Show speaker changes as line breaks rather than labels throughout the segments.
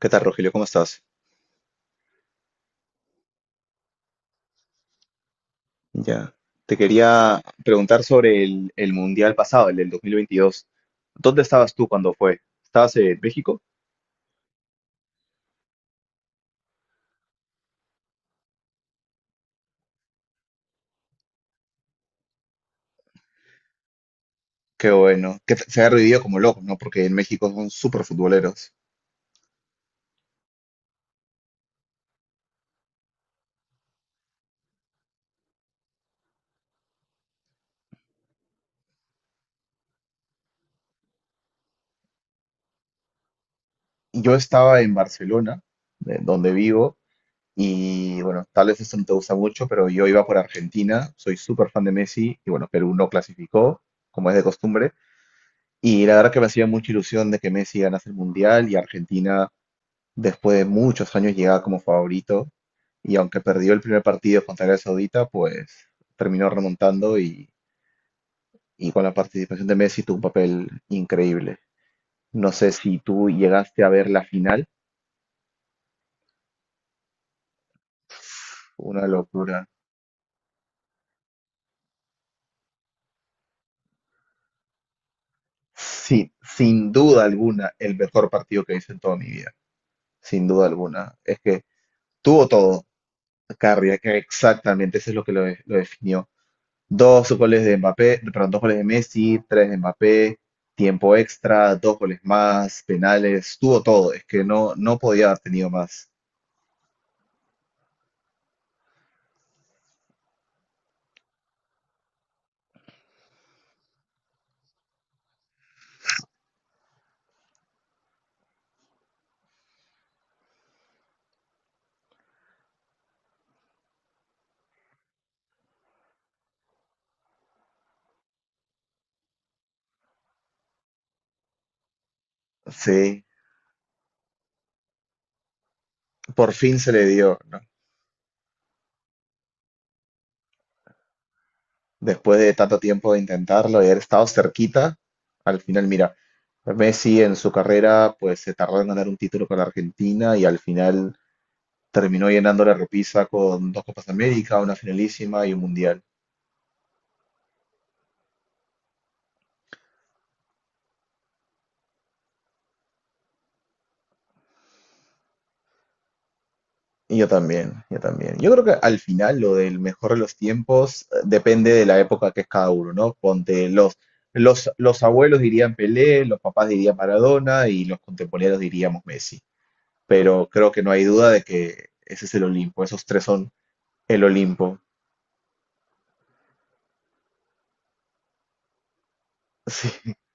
¿Qué tal, Rogelio? ¿Cómo estás? Ya. Te quería preguntar sobre el mundial pasado, el del 2022. ¿Dónde estabas tú cuando fue? ¿Estabas en México? Qué bueno. Que se ha revivido como loco, ¿no? Porque en México son súper futboleros. Yo estaba en Barcelona, de donde vivo, y bueno, tal vez esto no te gusta mucho, pero yo iba por Argentina, soy súper fan de Messi, y bueno, Perú no clasificó, como es de costumbre. Y la verdad que me hacía mucha ilusión de que Messi ganase el mundial y Argentina. Después de muchos años llegaba como favorito, y aunque perdió el primer partido contra Arabia Saudita, pues terminó remontando, y con la participación de Messi tuvo un papel increíble. No sé si tú llegaste a ver la final, fue una locura. Sí, sin duda alguna, el mejor partido que hice en toda mi vida, sin duda alguna. Es que tuvo todo, Carriac, exactamente, eso es lo que lo definió. Dos goles de Mbappé, perdón, dos goles de Messi, tres de Mbappé, tiempo extra, dos goles más, penales, tuvo todo, es que no, no podía haber tenido más. Sí, por fin se le dio, ¿no? Después de tanto tiempo de intentarlo y haber estado cerquita, al final, mira, Messi en su carrera pues se tardó en ganar un título con la Argentina y al final terminó llenando la repisa con dos Copas América, una finalísima y un mundial. Y yo también, yo también. Yo creo que al final lo del mejor de los tiempos depende de la época que es cada uno, ¿no? Ponte los abuelos dirían Pelé, los papás dirían Maradona y los contemporáneos diríamos Messi. Pero creo que no hay duda de que ese es el Olimpo, esos tres son el Olimpo.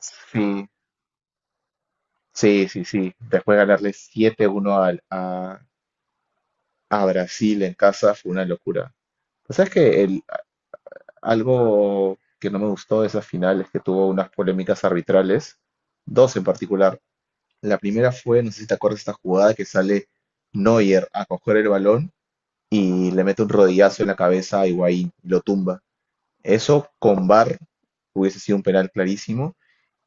Sí, sí, sí, sí, sí. Después ganarle 7-1 a Brasil en casa fue una locura. Pues sabes que Algo que no me gustó de esa final es que tuvo unas polémicas arbitrales, dos en particular. La primera fue, no sé si te acuerdas, de esta jugada que sale Neuer a coger el balón y le mete un rodillazo en la cabeza a Higuaín y lo tumba. Eso con VAR hubiese sido un penal clarísimo.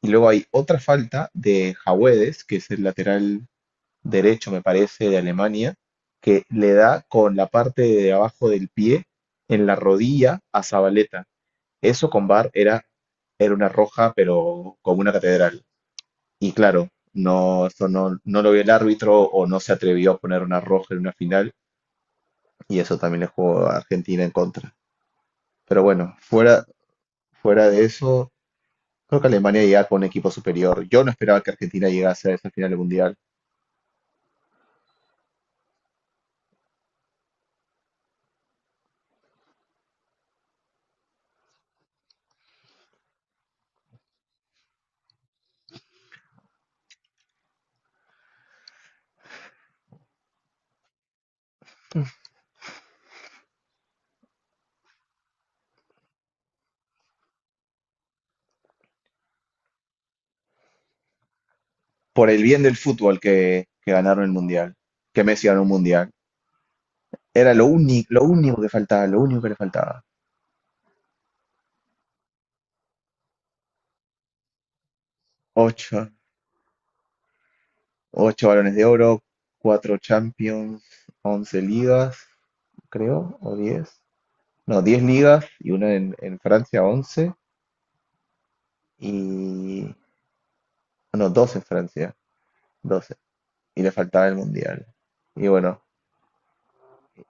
Y luego hay otra falta de Jawedes, que es el lateral derecho, me parece, de Alemania, que le da con la parte de abajo del pie en la rodilla a Zabaleta. Eso con bar era una roja, pero como una catedral. Y claro, no, eso no lo vio el árbitro, o no se atrevió a poner una roja en una final, y eso también le jugó a Argentina en contra. Pero bueno, fuera de eso, creo que Alemania llega con un equipo superior. Yo no esperaba que Argentina llegase a esa final del Mundial. Por el bien del fútbol que ganaron el Mundial, que Messi ganó un Mundial. Era lo único que faltaba, lo único que le faltaba. Ocho, 8 balones de oro, 4 Champions, 11 ligas, creo, o 10. No, 10 ligas y una en Francia, 11. Y... No, 12 en Francia, 12. Y le faltaba el Mundial. Y bueno,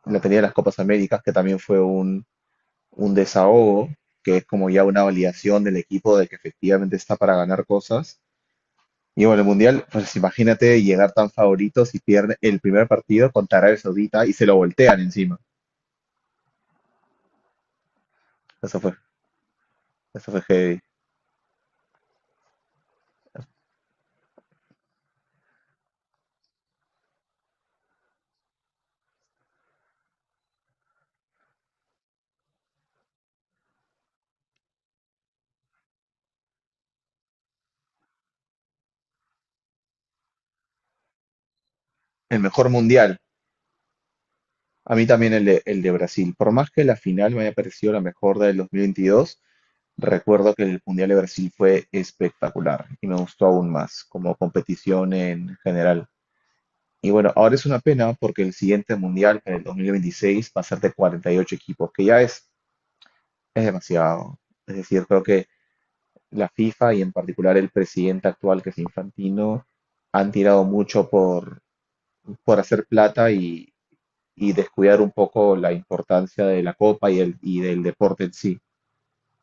la tenía las Copas Américas, que también fue un desahogo, que es como ya una validación del equipo de que efectivamente está para ganar cosas. Y bueno, el Mundial, pues imagínate llegar tan favorito si pierde el primer partido contra Arabia Saudita y se lo voltean encima. Eso fue Eso fue heavy. El mejor mundial. A mí también el de Brasil. Por más que la final me haya parecido la mejor del 2022, recuerdo que el mundial de Brasil fue espectacular y me gustó aún más como competición en general. Y bueno, ahora es una pena porque el siguiente mundial, en el 2026, va a ser de 48 equipos, que ya es demasiado. Es decir, creo que la FIFA y en particular el presidente actual, que es Infantino, han tirado mucho por hacer plata y descuidar un poco la importancia de la copa y del deporte en sí.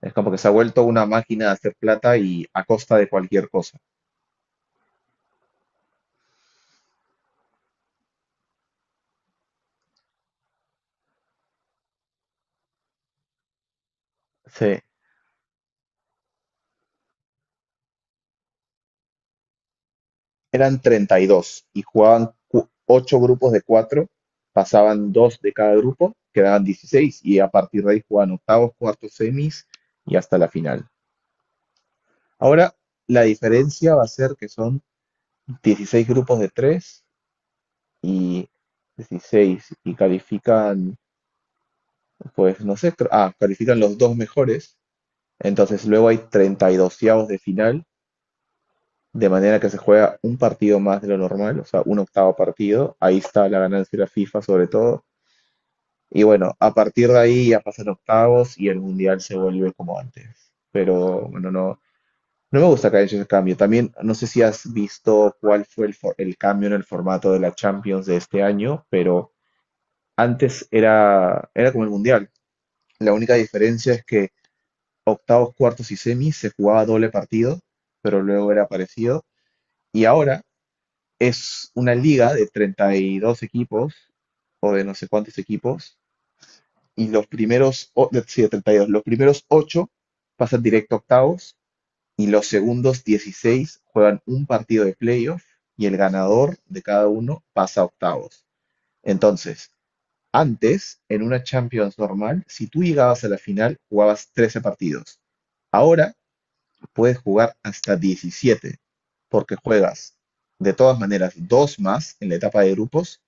Es como que se ha vuelto una máquina de hacer plata y a costa de cualquier cosa. Sí, eran 32 y jugaban 8 grupos de cuatro. Pasaban 2 de cada grupo, quedaban 16 y a partir de ahí jugaban octavos, cuartos, semis y hasta la final. Ahora la diferencia va a ser que son 16 grupos de 3 y 16, y califican, pues no sé, califican los dos mejores. Entonces luego hay 32avos de final, de manera que se juega un partido más de lo normal, o sea, un octavo partido. Ahí está la ganancia de la FIFA sobre todo, y bueno, a partir de ahí ya pasan octavos y el mundial se vuelve como antes, pero bueno, no, no me gusta que haya ese cambio. También no sé si has visto cuál fue el cambio en el formato de la Champions de este año, pero antes era como el mundial. La única diferencia es que octavos, cuartos y semis se jugaba doble partido, pero luego era parecido. Y ahora es una liga de 32 equipos o de no sé cuántos equipos. Y los primeros, sí, de 32, los primeros 8 pasan directo a octavos y los segundos 16 juegan un partido de playoff y el ganador de cada uno pasa a octavos. Entonces, antes, en una Champions normal, si tú llegabas a la final, jugabas 13 partidos. Ahora puedes jugar hasta 17, porque juegas de todas maneras dos más en la etapa de grupos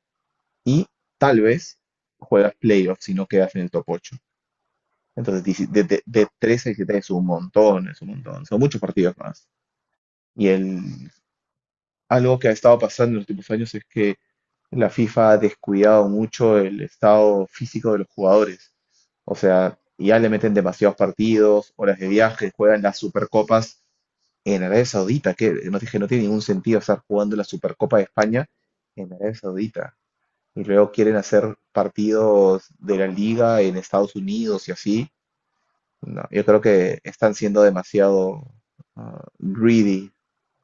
y tal vez juegas playoffs si no quedas en el top ocho. Entonces, de 13 a 17 es un montón, son muchos partidos más. Y el algo que ha estado pasando en los últimos años es que la FIFA ha descuidado mucho el estado físico de los jugadores. O sea, ya le meten demasiados partidos, horas de viaje, juegan las Supercopas en Arabia Saudita, que no dije, no tiene ningún sentido estar jugando la Supercopa de España en Arabia Saudita. Y luego quieren hacer partidos de la liga en Estados Unidos y así. No, yo creo que están siendo demasiado greedy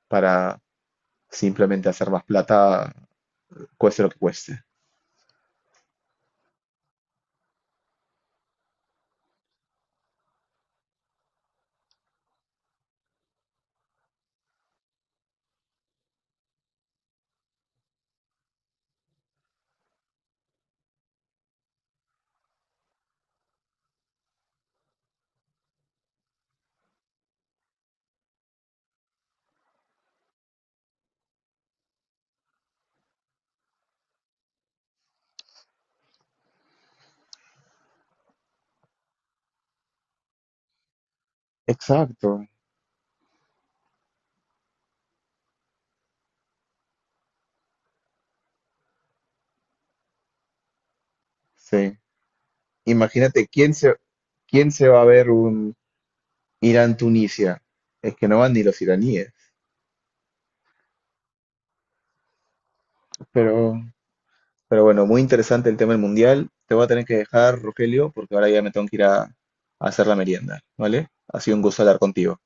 para simplemente hacer más plata cueste lo que cueste. Exacto, sí. Imagínate quién se va a ver un Irán-Tunisia. Es que no van ni los iraníes. Pero, pero bueno, muy interesante el tema del mundial. Te voy a tener que dejar, Rogelio, porque ahora ya me tengo que ir a hacer la merienda, ¿vale? Ha sido un gusto hablar contigo.